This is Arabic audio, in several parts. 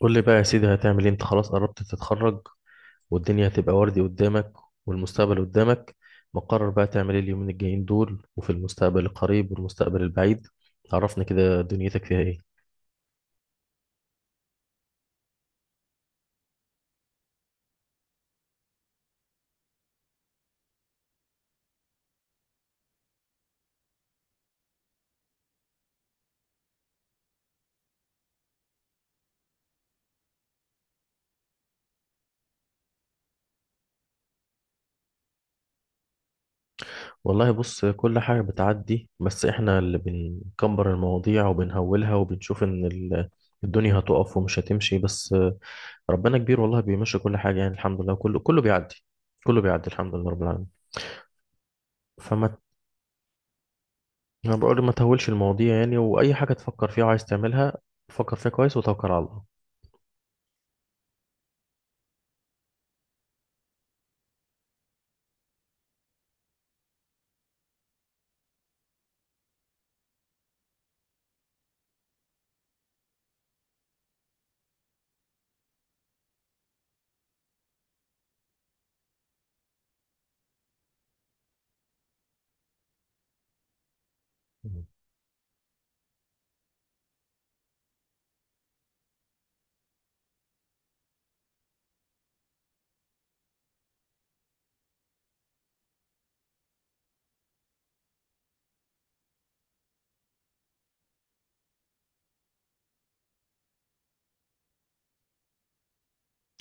قول لي بقى يا سيدي، هتعمل ايه؟ انت خلاص قربت تتخرج والدنيا هتبقى وردي قدامك والمستقبل قدامك. مقرر بقى تعمل ايه اليومين الجايين دول وفي المستقبل القريب والمستقبل البعيد؟ عرفني كده دنيتك فيها ايه. والله بص، كل حاجة بتعدي، بس احنا اللي بنكبر المواضيع وبنهولها وبنشوف ان الدنيا هتقف ومش هتمشي، بس ربنا كبير والله بيمشي كل حاجة، يعني الحمد لله كله كله بيعدي، كله بيعدي الحمد لله رب العالمين. فما انا بقول ما تهولش المواضيع يعني، واي حاجه تفكر فيها وعايز تعملها فكر فيها كويس وتوكل على الله. مم.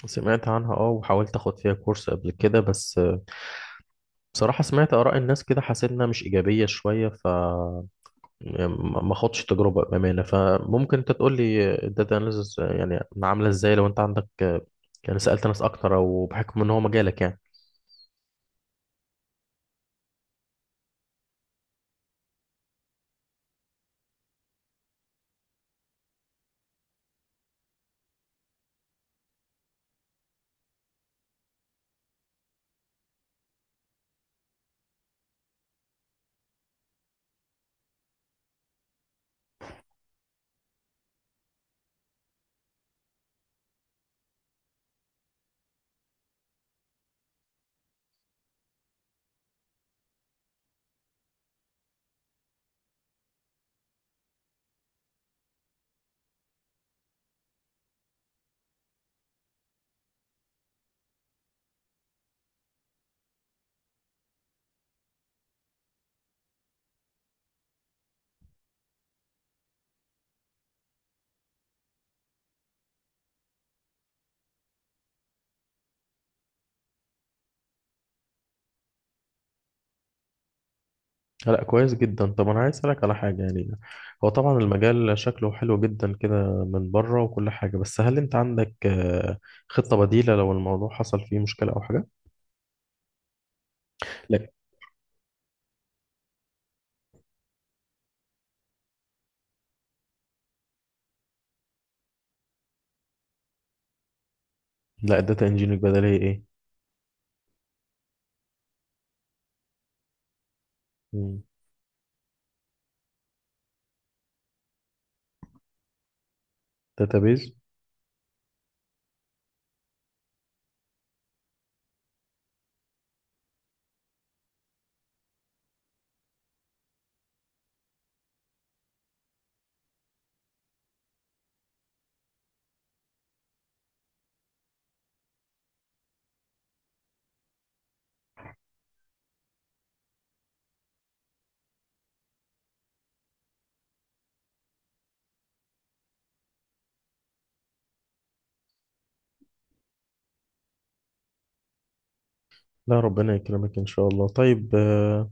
سمعت عنها، اه، وحاولت اخد فيها كورس قبل كده، بس بصراحه سمعت اراء الناس كده حسيت انها مش ايجابيه شويه، ف يعني ما خدتش تجربه بامانه، فممكن انت تقول لي الداتا اناليسز يعني عامله ازاي؟ لو انت عندك يعني سالت ناس اكتر او بحكم ان هو مجالك يعني. لا كويس جدا. طب انا عايز اسالك على حاجه يعني، هو طبعا المجال شكله حلو جدا كده من بره وكل حاجه، بس هل انت عندك خطه بديله لو الموضوع حصل فيه مشكله او حاجه؟ لا. الداتا انجينير بدل هي ايه؟ مم. داتابيز. لا ربنا يكرمك ان شاء الله. طيب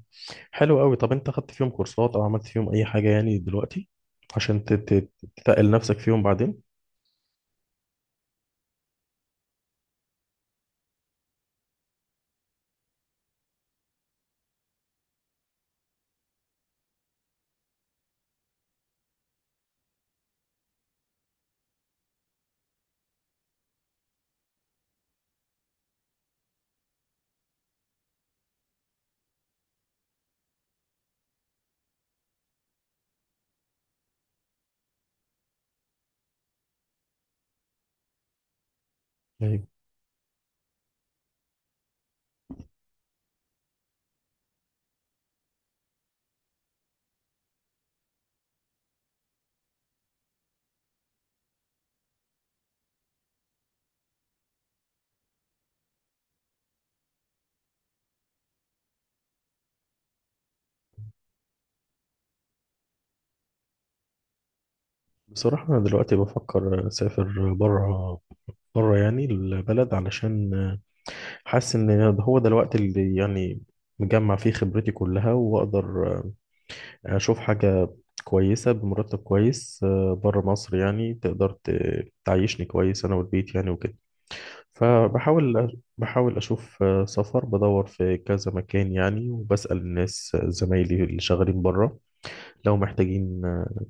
حلو قوي. طب انت خدت فيهم كورسات او عملت فيهم اي حاجه يعني دلوقتي عشان تتقل نفسك فيهم بعدين؟ أيوة. بصراحه انا دلوقتي بفكر اسافر بره، بره يعني البلد، علشان حاسس ان هو ده الوقت اللي يعني مجمع فيه خبرتي كلها واقدر اشوف حاجة كويسة بمرتب كويس، بره مصر يعني، تقدر تعيشني كويس انا والبيت يعني وكده. فبحاول اشوف سفر، بدور في كذا مكان يعني، وبسأل الناس، زمايلي اللي شغالين بره لو محتاجين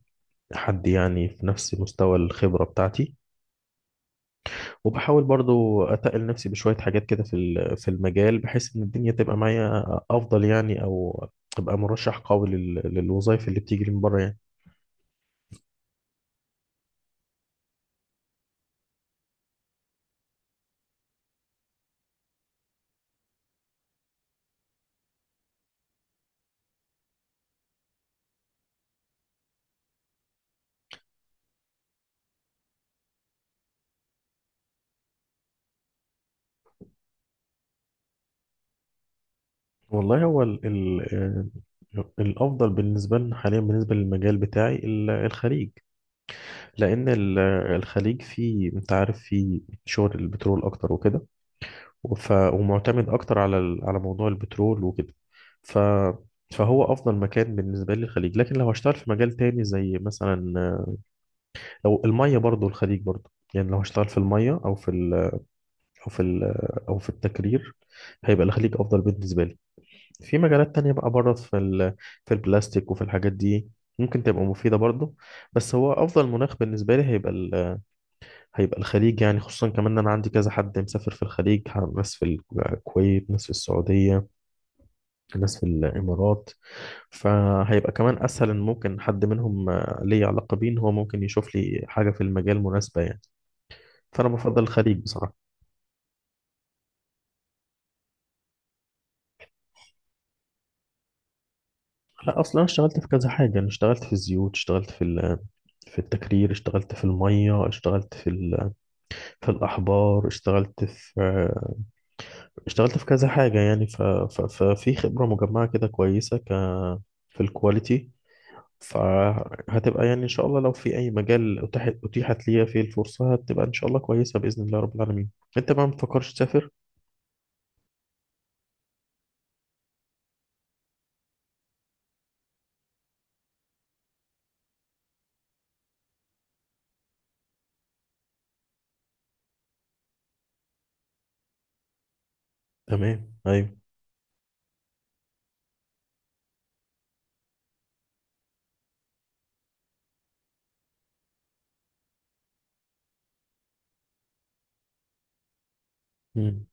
حد يعني في نفس مستوى الخبرة بتاعتي. وبحاول برضو أتقل نفسي بشوية حاجات كده في في المجال بحيث إن الدنيا تبقى معايا أفضل يعني، أو أبقى مرشح قوي للوظائف اللي بتيجي من بره يعني. والله هو ال الأفضل بالنسبة لنا حاليا بالنسبة للمجال بتاعي الخليج، لأن الخليج فيه، أنت عارف، فيه شغل البترول أكتر وكده، ومعتمد أكتر على على موضوع البترول وكده. ف فهو أفضل مكان بالنسبة لي الخليج. لكن لو هشتغل في مجال تاني، زي مثلا لو المية، برضو الخليج برضو يعني، لو هشتغل في المية أو في ال أو في ال أو في التكرير هيبقى الخليج أفضل بالنسبة لي. في مجالات تانية بقى بره في ال في البلاستيك وفي الحاجات دي ممكن تبقى مفيدة برضو، بس هو أفضل مناخ بالنسبة لي هيبقى هيبقى الخليج، يعني خصوصا كمان إن أنا عندي كذا حد مسافر في الخليج، ناس في الكويت، ناس في السعودية، ناس في الإمارات، فهيبقى كمان أسهل إن ممكن حد منهم ليه علاقة بيه إن هو ممكن يشوف لي حاجة في المجال مناسبة يعني. فانا بفضل الخليج بصراحه. لا اصلا انا اشتغلت في كذا حاجه، انا اشتغلت في الزيوت، اشتغلت في في التكرير، اشتغلت في الميه، اشتغلت في في الاحبار، اشتغلت في اشتغلت في كذا حاجه يعني، ففي خبره مجمعه كده كويسه، ك في الكواليتي. فهتبقى يعني ان شاء الله لو في اي مجال اتيحت ليا فيه الفرصه هتبقى ان شاء الله كويسه باذن الله رب العالمين. انت بقى ما بتفكرش تسافر؟ تمام ايوه. مم.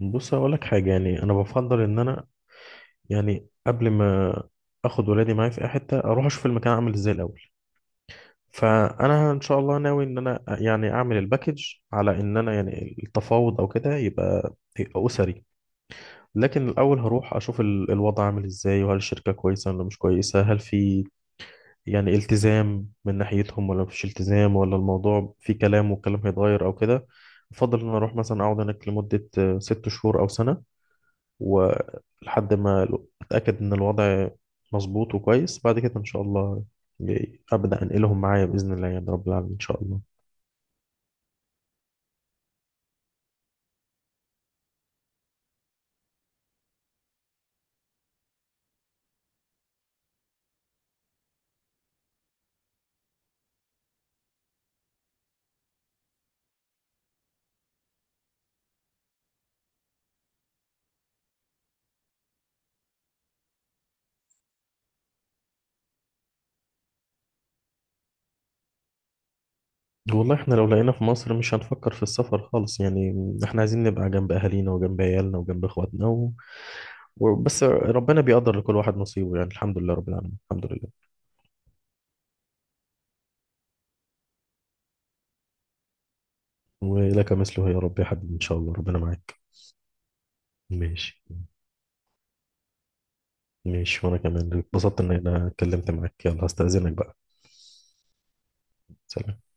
بص هقول لك حاجه يعني، انا بفضل ان انا يعني قبل ما اخد ولادي معايا في اي حته اروح اشوف المكان عامل ازاي الاول. فانا ان شاء الله ناوي ان انا يعني اعمل الباكج على ان انا يعني التفاوض او كده يبقى اسري، لكن الاول هروح اشوف الوضع عامل ازاي، وهل الشركه كويسه ولا مش كويسه، هل في يعني التزام من ناحيتهم ولا مفيش التزام، ولا الموضوع في كلام والكلام هيتغير او كده. افضل ان أنا اروح مثلا اقعد هناك لمده 6 شهور او سنه، ولحد ما اتاكد ان الوضع مظبوط وكويس، بعد كده ان شاء الله ابدا انقلهم معايا باذن الله يا رب العالمين ان شاء الله. والله احنا لو لقينا في مصر مش هنفكر في السفر خالص يعني، احنا عايزين نبقى جنب اهالينا وجنب عيالنا وجنب اخواتنا و... وبس ربنا بيقدر لكل واحد نصيبه يعني، الحمد لله رب العالمين، الحمد لله. ولك مثله يا رب يا حبيبي ان شاء الله، ربنا معاك. ماشي. ماشي، وانا كمان اتبسطت ان انا اتكلمت معاك. يلا هستأذنك بقى. سلام